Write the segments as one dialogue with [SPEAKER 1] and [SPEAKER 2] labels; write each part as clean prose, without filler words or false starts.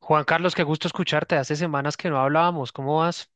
[SPEAKER 1] Juan Carlos, qué gusto escucharte. Hace semanas que no hablábamos. ¿Cómo vas?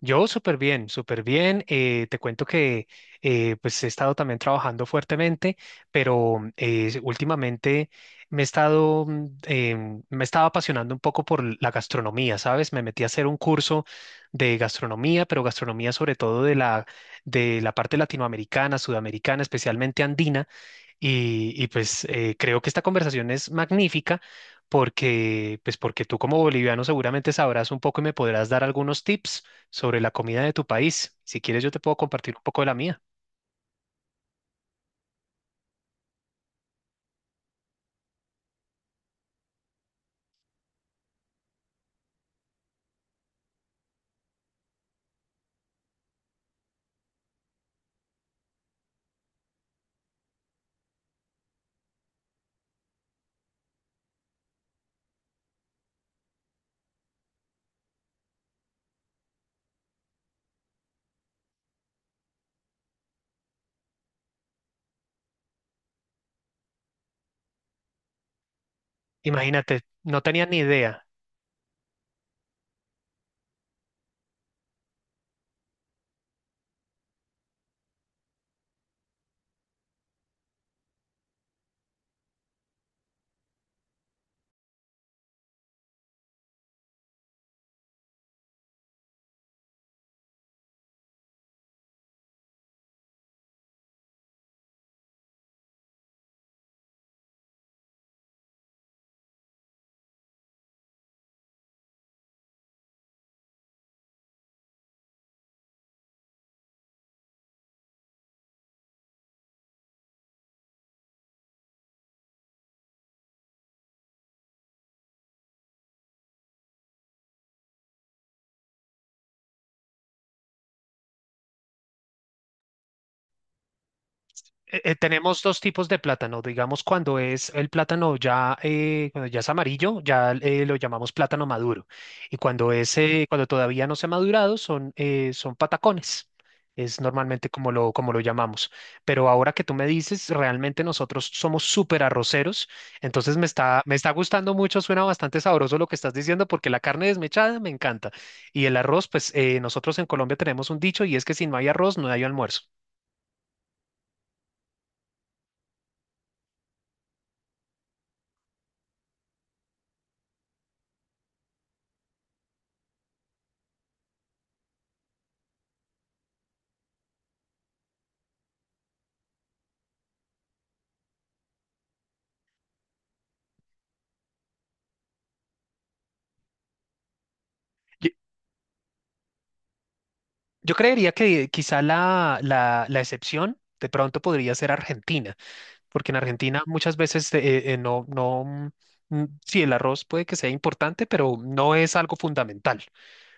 [SPEAKER 1] Yo súper bien, súper bien. Te cuento que pues he estado también trabajando fuertemente, pero últimamente me he estado, mm, em, me estaba apasionando un poco por la gastronomía, ¿sabes? Me metí a hacer un curso de gastronomía, pero gastronomía sobre todo de la parte latinoamericana, sudamericana, especialmente andina. Y creo que esta conversación es magnífica porque, pues porque tú como boliviano seguramente sabrás un poco y me podrás dar algunos tips sobre la comida de tu país. Si quieres, yo te puedo compartir un poco de la mía. Imagínate, no tenía ni idea. Tenemos dos tipos de plátano. Digamos, cuando es el plátano ya, cuando ya es amarillo, ya lo llamamos plátano maduro. Y cuando es, cuando todavía no se ha madurado, son, son patacones. Es normalmente como como lo llamamos. Pero ahora que tú me dices, realmente nosotros somos súper arroceros. Entonces me está gustando mucho, suena bastante sabroso lo que estás diciendo, porque la carne desmechada me encanta. Y el arroz, pues nosotros en Colombia tenemos un dicho y es que si no hay arroz, no hay almuerzo. Yo creería que quizá la excepción de pronto podría ser Argentina, porque en Argentina muchas veces no, no, sí, el arroz puede que sea importante, pero no es algo fundamental.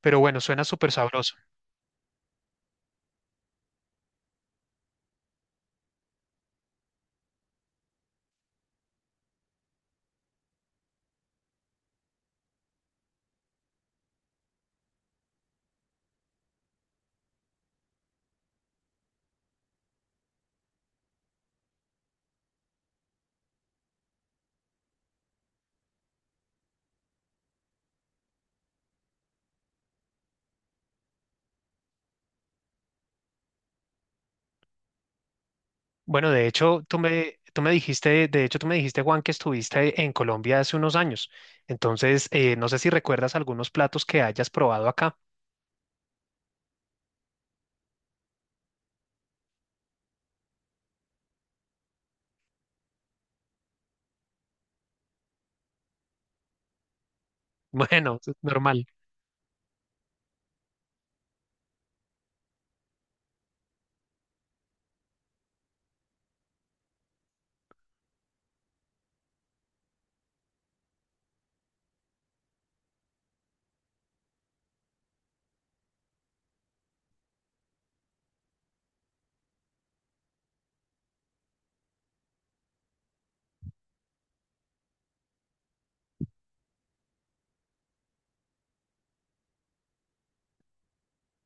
[SPEAKER 1] Pero bueno, suena súper sabroso. Bueno, de hecho, tú me dijiste, de hecho, tú me dijiste, Juan, que estuviste en Colombia hace unos años. Entonces, no sé si recuerdas algunos platos que hayas probado acá. Bueno, es normal.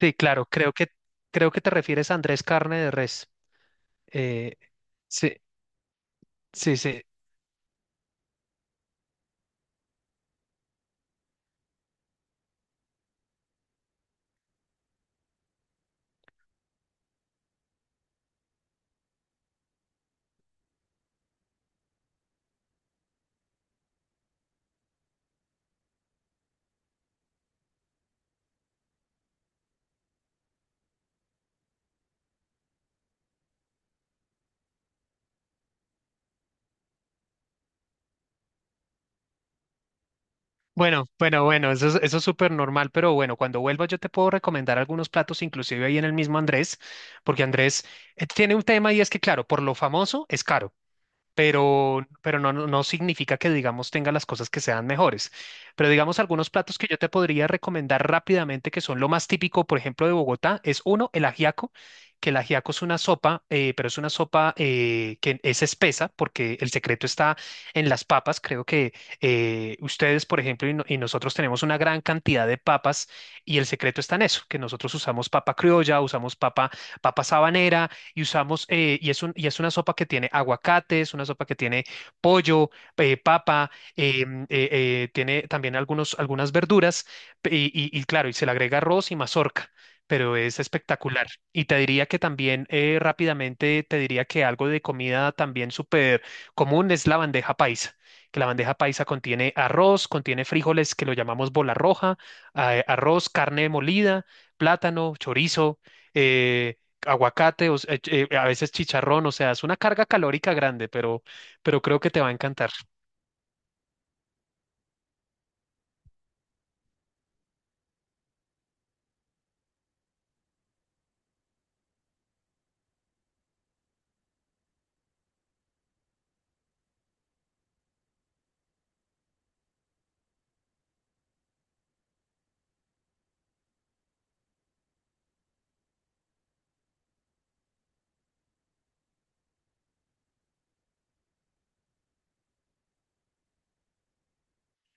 [SPEAKER 1] Sí, claro, creo que te refieres a Andrés Carne de Res. Eh, Sí. Sí, sí. Bueno, bueno, bueno, eso es súper normal, pero bueno, cuando vuelva yo te puedo recomendar algunos platos, inclusive ahí en el mismo Andrés, porque Andrés tiene un tema y es que, claro, por lo famoso es caro. Pero no, no no significa que, digamos, tenga las cosas que sean mejores. Pero, digamos, algunos platos que yo te podría recomendar rápidamente, que son lo más típico, por ejemplo, de Bogotá, es uno, el ajiaco, que el ajiaco es una sopa, pero es una sopa que es espesa, porque el secreto está en las papas. Creo que ustedes, por ejemplo, y, no- y nosotros tenemos una gran cantidad de papas, y el secreto está en eso, que nosotros usamos papa criolla, papa sabanera y usamos, y es una sopa que tiene aguacate, es una sopa que tiene pollo, papa, eh, tiene también algunas verduras, y claro, y se le agrega arroz y mazorca. Pero es espectacular. Y te diría que también rápidamente te diría que algo de comida también súper común es la bandeja paisa, que la bandeja paisa contiene arroz, contiene frijoles que lo llamamos bola roja, arroz, carne molida, plátano, chorizo. eh, Aguacate, a veces chicharrón, o sea, es una carga calórica grande, pero creo que te va a encantar.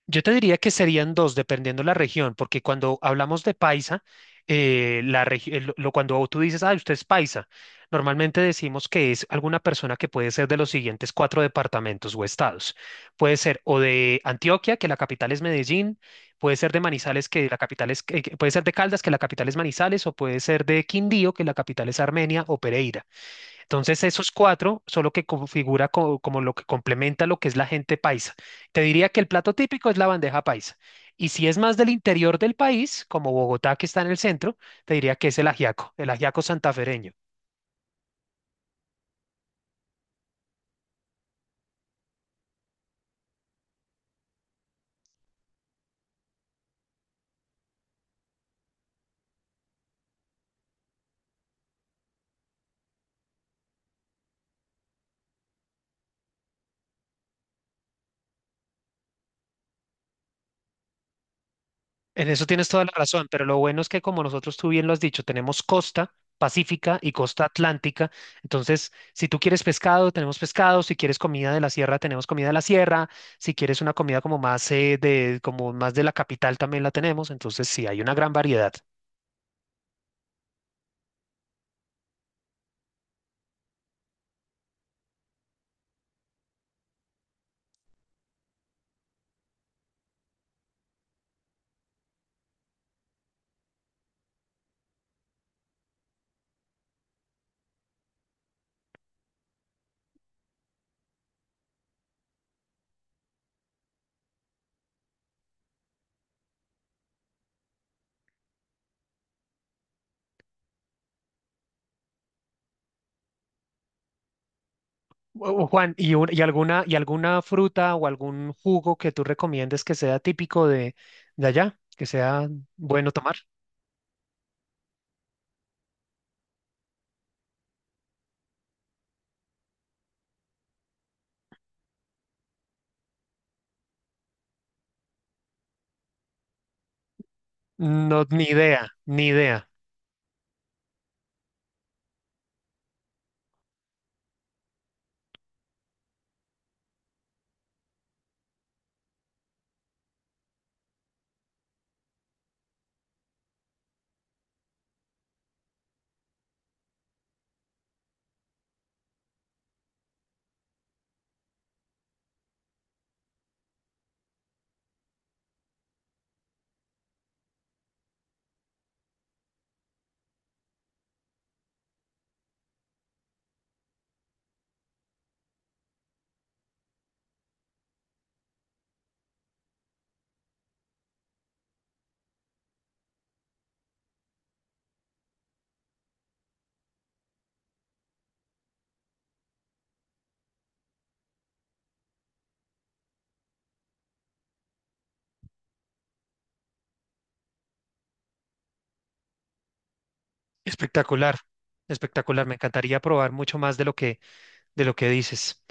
[SPEAKER 1] Yo te diría que serían dos, dependiendo la región, porque cuando hablamos de paisa, la regi- lo- cuando tú dices, ah, usted es paisa, normalmente decimos que es alguna persona que puede ser de los siguientes cuatro departamentos o estados. Puede ser o de Antioquia, que la capital es Medellín, puede ser de Manizales, que la capital es, puede ser de Caldas, que la capital es Manizales, o puede ser de Quindío, que la capital es Armenia o Pereira. Entonces, esos cuatro son lo que como lo que complementa lo que es la gente paisa. Te diría que el plato típico es la bandeja paisa. Y si es más del interior del país, como Bogotá, que está en el centro, te diría que es el ajiaco santafereño. En eso tienes toda la razón, pero lo bueno es que como nosotros tú bien lo has dicho, tenemos costa pacífica y costa atlántica. Entonces, si tú quieres pescado, tenemos pescado, si quieres comida de la sierra, tenemos comida de la sierra, si quieres una comida como más de como más de la capital también la tenemos, entonces sí hay una gran variedad. Juan, ¿y, y alguna fruta o algún jugo que tú recomiendes que sea típico de allá, que sea bueno tomar? No, ni idea, ni idea. Espectacular, espectacular. Me encantaría probar mucho más de lo que dices.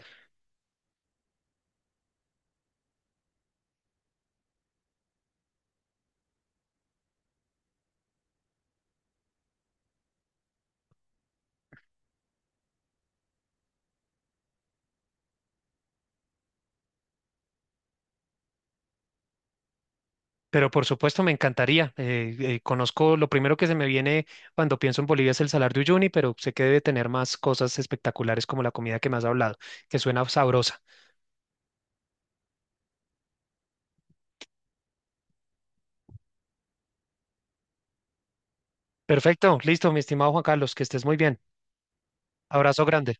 [SPEAKER 1] Pero por supuesto, me encantaría. Conozco lo primero que se me viene cuando pienso en Bolivia es el Salar de Uyuni, pero sé que debe tener más cosas espectaculares como la comida que me has hablado, que suena sabrosa. Perfecto, listo, mi estimado Juan Carlos, que estés muy bien. Abrazo grande.